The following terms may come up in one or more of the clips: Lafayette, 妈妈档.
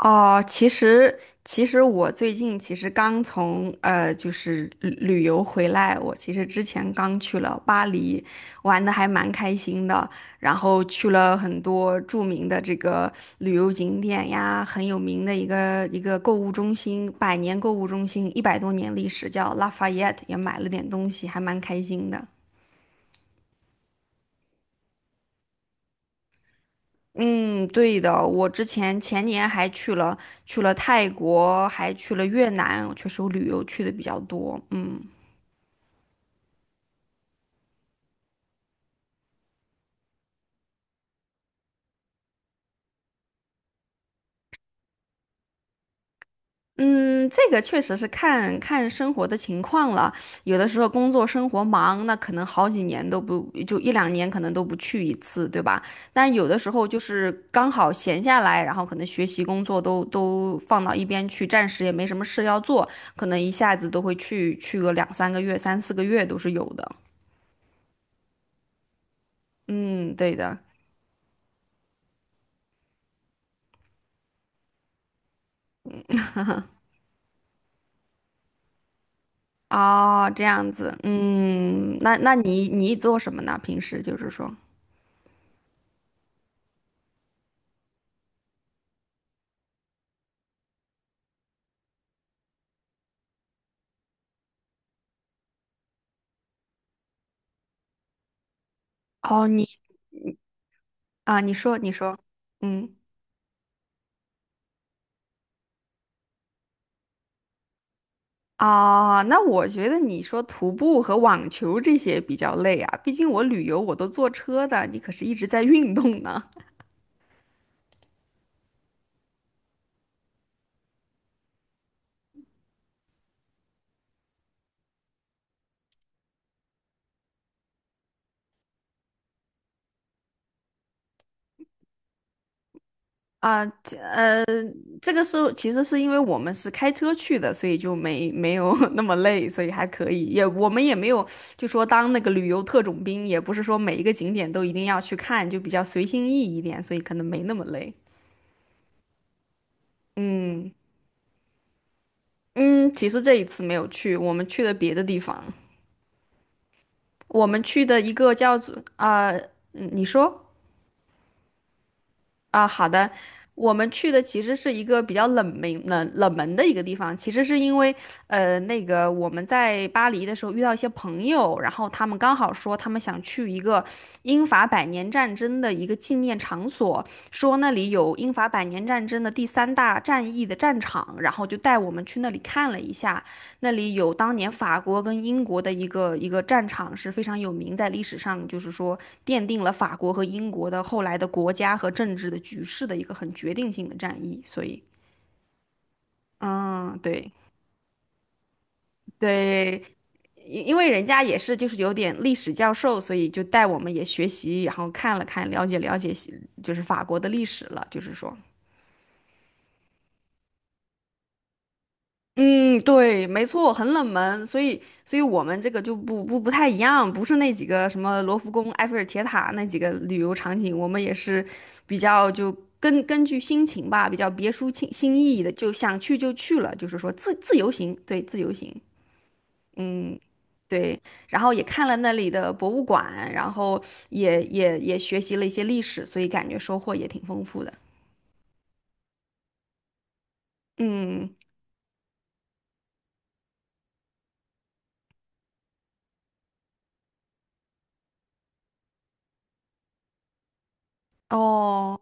哦，其实我最近刚从旅游回来，我其实之前刚去了巴黎，玩的还蛮开心的。然后去了很多著名的这个旅游景点呀，很有名的一个购物中心，百年购物中心，一百多年历史，叫 Lafayette，也买了点东西，还蛮开心的。嗯，对的，我之前前年还去了，去了泰国，还去了越南，确实我旅游去的比较多。嗯。嗯，这个确实是看看生活的情况了。有的时候工作生活忙，那可能好几年都不，就一两年可能都不去一次，对吧？但有的时候就是刚好闲下来，然后可能学习工作都放到一边去，暂时也没什么事要做，可能一下子都会去个两三个月、三四个月都是有的。嗯，对的。哦，这样子。嗯，那你做什么呢？平时就是说。哦，你啊，你说，嗯。啊，那我觉得你说徒步和网球这些比较累啊，毕竟我旅游我都坐车的，你可是一直在运动呢。啊，这个是其实是因为我们是开车去的，所以就没有 那么累，所以还可以。也我们也没有就说当那个旅游特种兵，也不是说每一个景点都一定要去看，就比较随心意一点，所以可能没那么累。嗯。嗯，其实这一次没有去，我们去的别的地方。我们去的一个叫做啊、嗯你说，啊、好的，我们去的其实是一个比较冷门的一个地方。其实是因为那个我们在巴黎的时候遇到一些朋友，然后他们刚好说他们想去一个英法百年战争的一个纪念场所，说那里有英法百年战争的第三大战役的战场，然后就带我们去那里看了一下。那里有当年法国跟英国的一个战场是非常有名，在历史上就是说奠定了法国和英国的后来的国家和政治的局势的一个很决定性的战役。所以，嗯，对对，因为人家也是就是有点历史教授，所以就带我们也学习，然后看了看，了解西就是法国的历史了，就是说。嗯，对，没错，很冷门，所以，所以我们这个就不太一样，不是那几个什么罗浮宫、埃菲尔铁塔那几个旅游场景，我们也是比较就根据心情吧，比较别出心意的，就想去就去了，就是说自由行，对，自由行。嗯，对，然后也看了那里的博物馆，然后也学习了一些历史，所以感觉收获也挺丰富的。嗯，哦。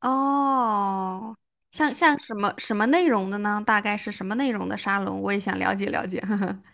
哦，像什么什么内容的呢？大概是什么内容的沙龙？我也想了解。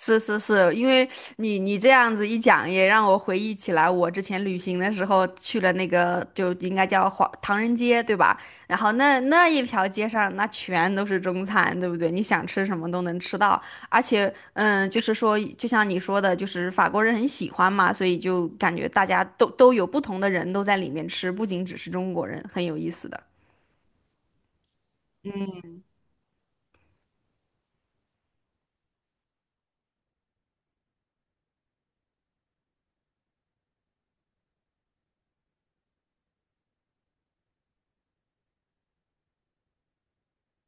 是是是，因为你这样子一讲，也让我回忆起来，我之前旅行的时候去了那个，就应该叫华唐人街，对吧？然后那一条街上，那全都是中餐，对不对？你想吃什么都能吃到。而且，嗯，就是说，就像你说的，就是法国人很喜欢嘛，所以就感觉大家都有不同的人都在里面吃，不仅只是中国人，很有意思的。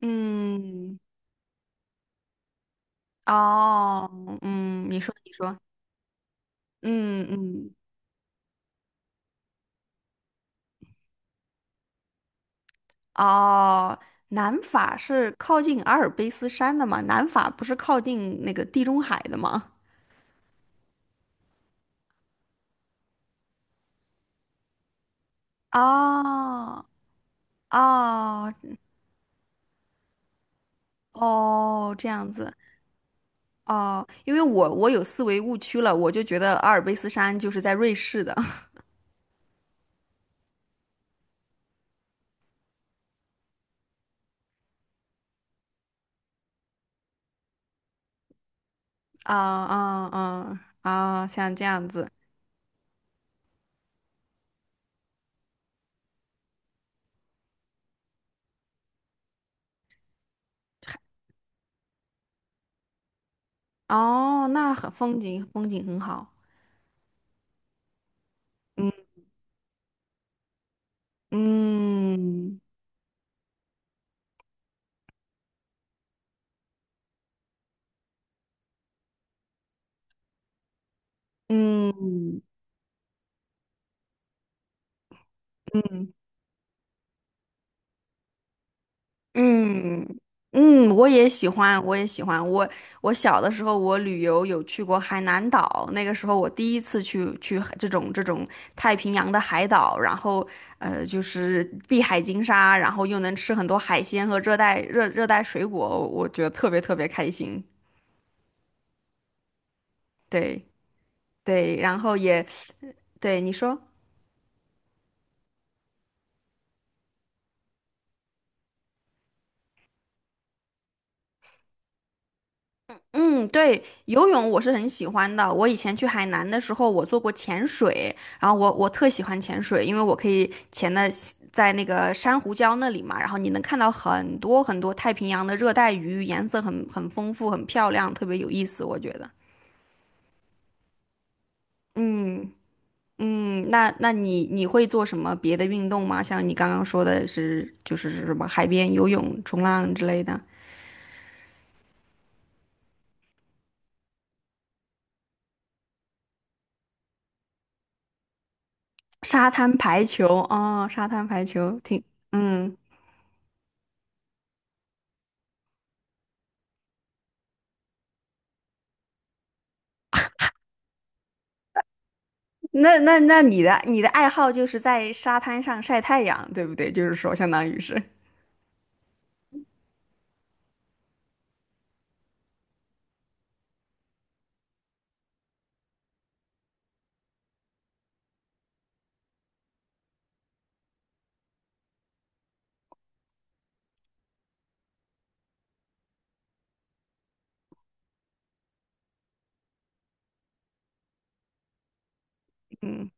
嗯，哦，嗯，你说嗯。嗯。哦，南法是靠近阿尔卑斯山的吗？南法不是靠近那个地中海的吗？哦。哦哦，这样子哦，因为我有思维误区了，我就觉得阿尔卑斯山就是在瑞士的。 啊，像这样子哦，那很风景很好。嗯嗯。嗯。嗯嗯，我也喜欢，我也喜欢。我我小的时候，我旅游有去过海南岛。那个时候我第一次去海这种太平洋的海岛，然后就是碧海金沙，然后又能吃很多海鲜和热带热带水果，我觉得特别开心。对对，然后也对你说。嗯，对，游泳我是很喜欢的。我以前去海南的时候，我做过潜水，然后我特喜欢潜水，因为我可以潜的在那个珊瑚礁那里嘛，然后你能看到很多很多太平洋的热带鱼，颜色很丰富，很漂亮，特别有意思，我觉得。嗯。嗯，那你会做什么别的运动吗？像你刚刚说的是就是什么海边游泳、冲浪之类的，沙滩排球哦，沙滩排球挺。嗯。那你的爱好就是在沙滩上晒太阳，对不对？就是说，相当于是。嗯。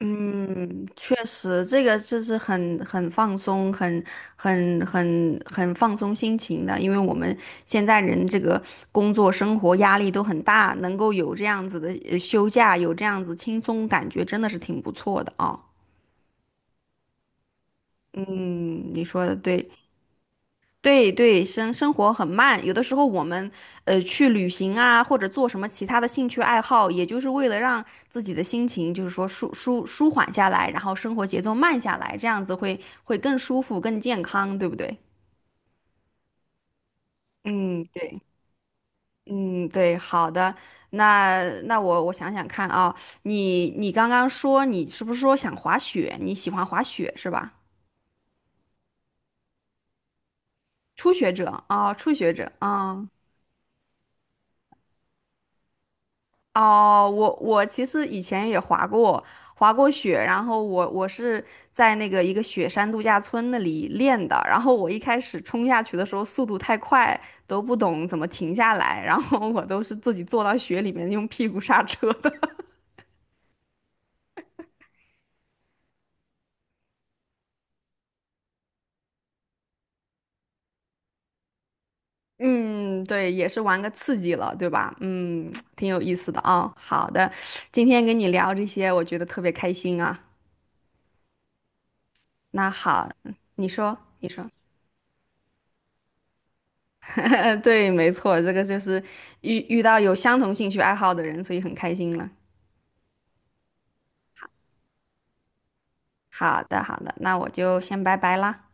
嗯，确实，这个就是很很放松，很放松心情的。因为我们现在人这个工作生活压力都很大，能够有这样子的休假，有这样子轻松感觉，真的是挺不错的啊。嗯，你说的对。对对，生活很慢，有的时候我们去旅行啊，或者做什么其他的兴趣爱好，也就是为了让自己的心情就是说舒缓下来，然后生活节奏慢下来，这样子会更舒服、更健康，对不对？嗯，对，嗯，对，好的，那我想想看啊，你你刚刚说你是不是说想滑雪？你喜欢滑雪是吧？初学者啊，初学者啊。哦，我其实以前也滑过，滑过雪，然后我我是在那个一个雪山度假村那里练的，然后我一开始冲下去的时候速度太快，都不懂怎么停下来，然后我都是自己坐到雪里面用屁股刹车的。嗯，对，也是玩个刺激了，对吧？嗯，挺有意思的啊，好的，今天跟你聊这些，我觉得特别开心啊。那好，你说对，没错，这个就是遇到有相同兴趣爱好的人，所以很开心了。好的，好的，那我就先拜拜啦。